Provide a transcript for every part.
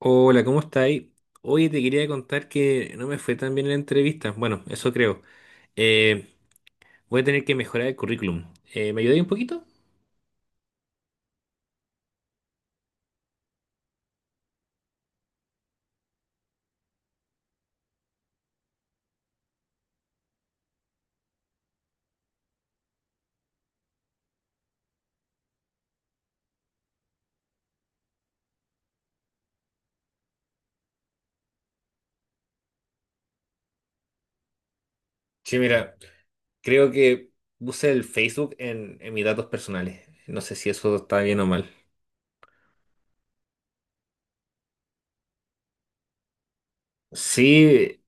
Hola, ¿cómo estáis? Oye, te quería contar que no me fue tan bien en la entrevista. Bueno, eso creo. Eh, Voy a tener que mejorar el currículum. ¿Me ayudáis un poquito? Sí, mira, creo que puse el Facebook en mis datos personales. No sé si eso está bien o mal. Sí,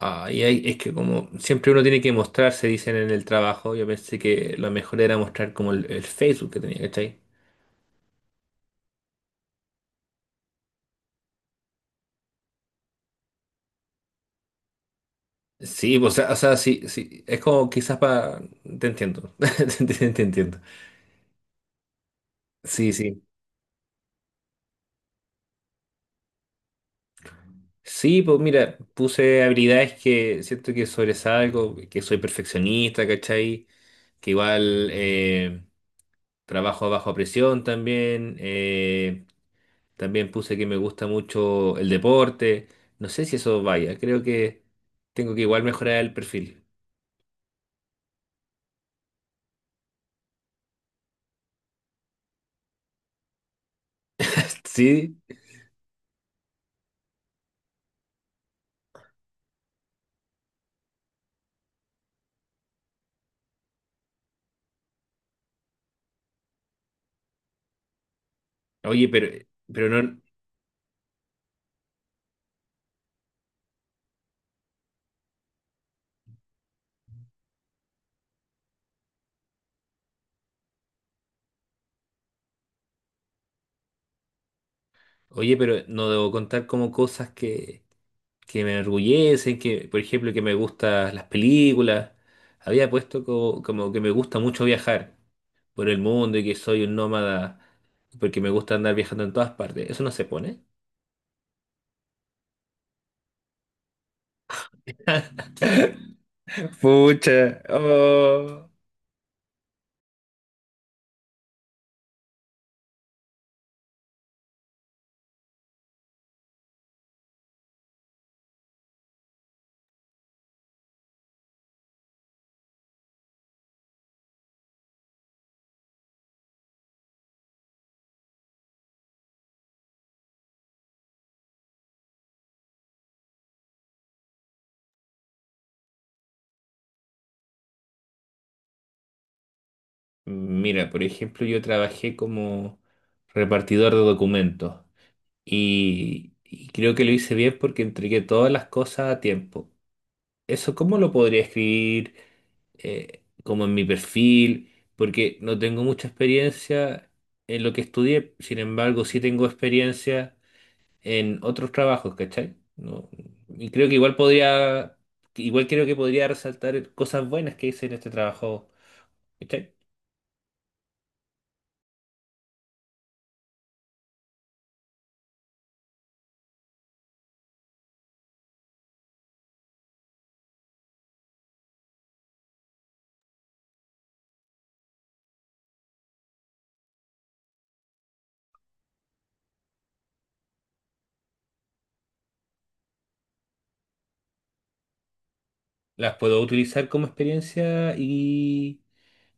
ay, ay, es que como siempre uno tiene que mostrarse, dicen en el trabajo. Yo pensé que lo mejor era mostrar como el Facebook que tenía, ¿cachai? Sí, pues, o sea, sí, sí. Es como quizás para... Te entiendo. Te entiendo. Sí, sí. Sí, pues mira, puse habilidades que siento que sobresalgo, que soy perfeccionista, ¿cachai? Que igual trabajo a baja presión también. También puse que me gusta mucho el deporte. No sé si eso vaya, creo que tengo que igual mejorar el perfil. Sí, oye, pero no, oye, pero no debo contar como cosas que me enorgullecen, que, por ejemplo, que me gustan las películas. Había puesto como, que me gusta mucho viajar por el mundo y que soy un nómada porque me gusta andar viajando en todas partes. Eso no se pone. Pucha. Oh. Mira, por ejemplo, yo trabajé como repartidor de documentos y creo que lo hice bien porque entregué todas las cosas a tiempo. Eso, ¿cómo lo podría escribir como en mi perfil? Porque no tengo mucha experiencia en lo que estudié, sin embargo, sí tengo experiencia en otros trabajos, ¿cachai? No, y creo que igual podría, igual creo que podría resaltar cosas buenas que hice en este trabajo, ¿cachai? Las puedo utilizar como experiencia y,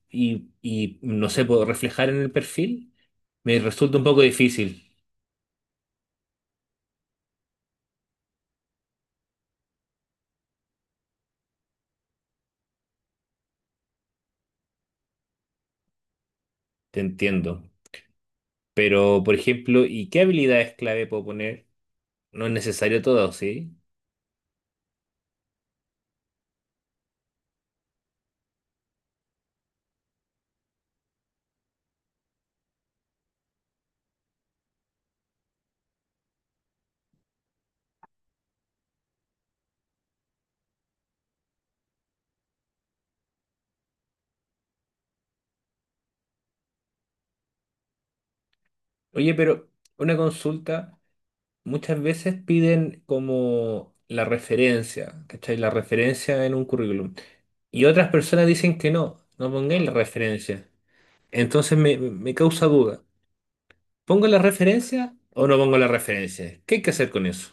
y, y no sé, puedo reflejar en el perfil. Me resulta un poco difícil, te entiendo. Pero, por ejemplo, ¿y qué habilidades clave puedo poner? No es necesario todo, ¿sí? Oye, pero una consulta, muchas veces piden como la referencia, ¿cachai? La referencia en un currículum. Y otras personas dicen que no, no pongáis la referencia. Entonces me causa duda. ¿Pongo la referencia o no pongo la referencia? ¿Qué hay que hacer con eso?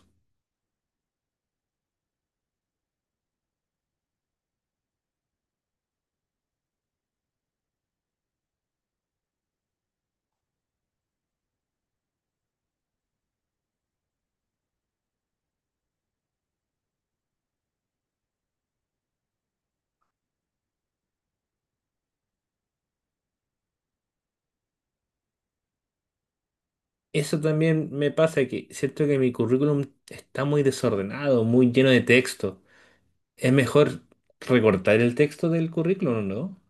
Eso también me pasa que siento que mi currículum está muy desordenado, muy lleno de texto. Es mejor recortar el texto del currículum, ¿no?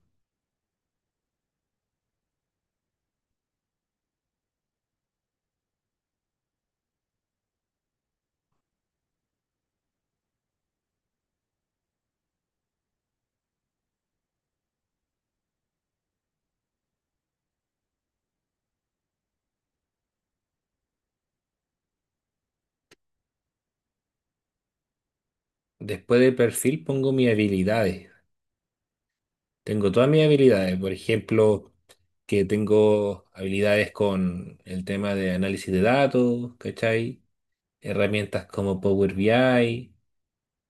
Después de perfil pongo mis habilidades. Tengo todas mis habilidades. Por ejemplo, que tengo habilidades con el tema de análisis de datos, ¿cachai? Herramientas como Power BI.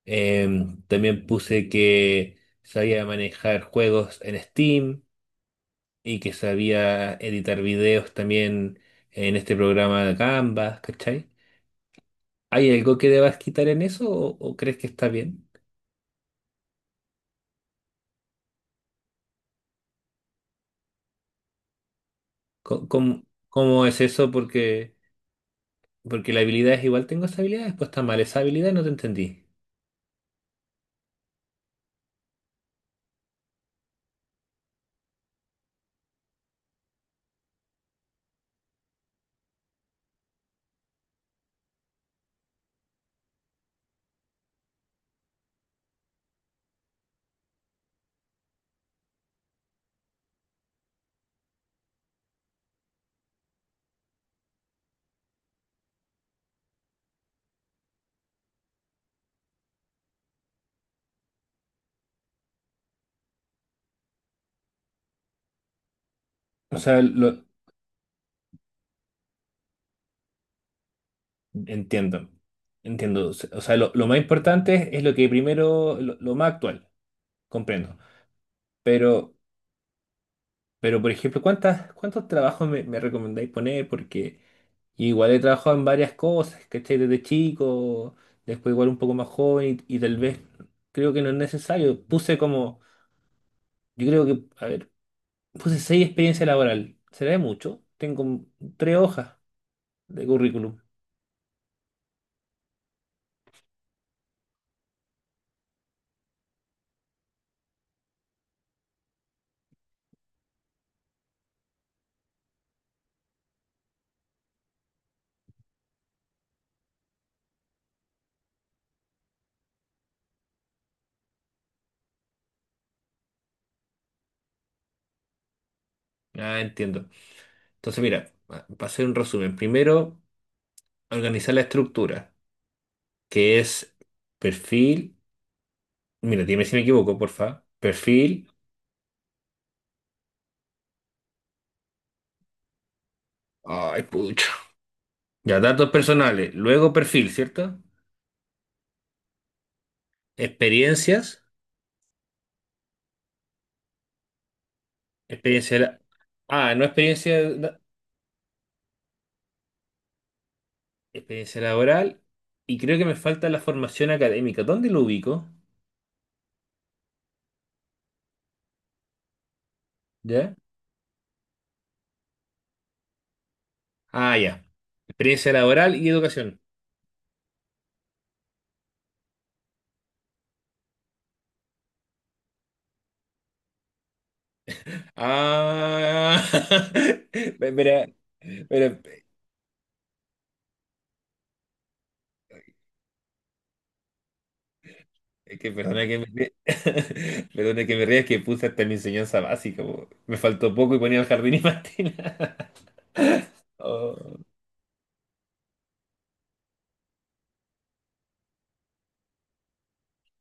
También puse que sabía manejar juegos en Steam y que sabía editar videos también en este programa de Canva, ¿cachai? ¿Hay algo que debas quitar en eso, o crees que está bien? ¿Cómo, cómo es eso? Porque, porque la habilidad es igual, tengo esa habilidad, después está mal esa habilidad, no te entendí. O sea, lo entiendo. Entiendo. O sea, lo más importante es lo que primero, lo más actual, comprendo. Pero, pero por ejemplo, ¿cuántos trabajos me recomendáis poner? Porque igual he trabajado en varias cosas, ¿cachai? Desde chico, después igual un poco más joven y tal vez creo que no es necesario. Puse como, yo creo que, a ver, puse seis experiencia laboral. ¿Será de mucho? Tengo tres hojas de currículum. Ah, entiendo. Entonces, mira, para hacer un resumen, primero, organizar la estructura, que es perfil, mira, dime si me equivoco, porfa, perfil, ay, pucha, ya datos personales, luego perfil, ¿cierto? Experiencias, experiencia, la- ah, no experiencia, experiencia laboral, y creo que me falta la formación académica, ¿dónde lo ubico? Ya. Ah, ya. Experiencia laboral y educación. Ah, mira, mira, es que perdona que me ría, perdona que me ría, es que puse hasta mi enseñanza básica, po. Me faltó poco y ponía el jardín y Martina. Oh,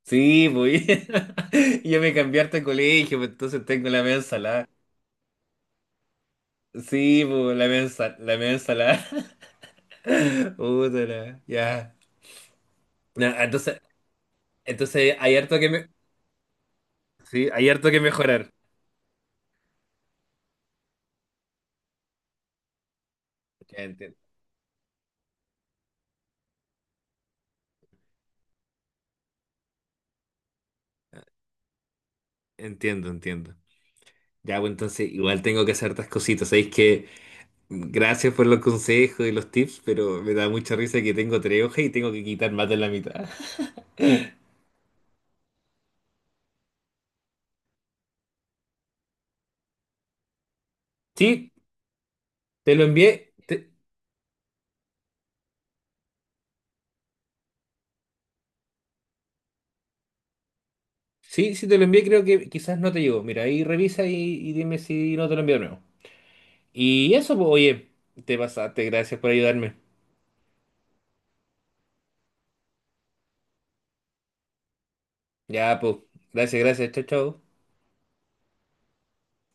sí, pues. Y yo me cambié hasta colegio, pues, entonces tengo la media ensalada. Sí, pues, la media ensalada. Puta la- ya. Na, entonces, entonces hay harto que me... Sí, hay harto que mejorar. Entiendo, entiendo. Ya, bueno, entonces igual tengo que hacer hartas cositas. Sabéis que gracias por los consejos y los tips, pero me da mucha risa que tengo tres hojas y tengo que quitar más de la mitad. Sí, te lo envié. Sí, sí, te lo envié, creo que quizás no te llegó. Mira, ahí revisa y dime si no te lo envío de nuevo. Y eso, pues, oye, te pasaste, gracias por ayudarme. Ya, pues, gracias, gracias, chao, chao.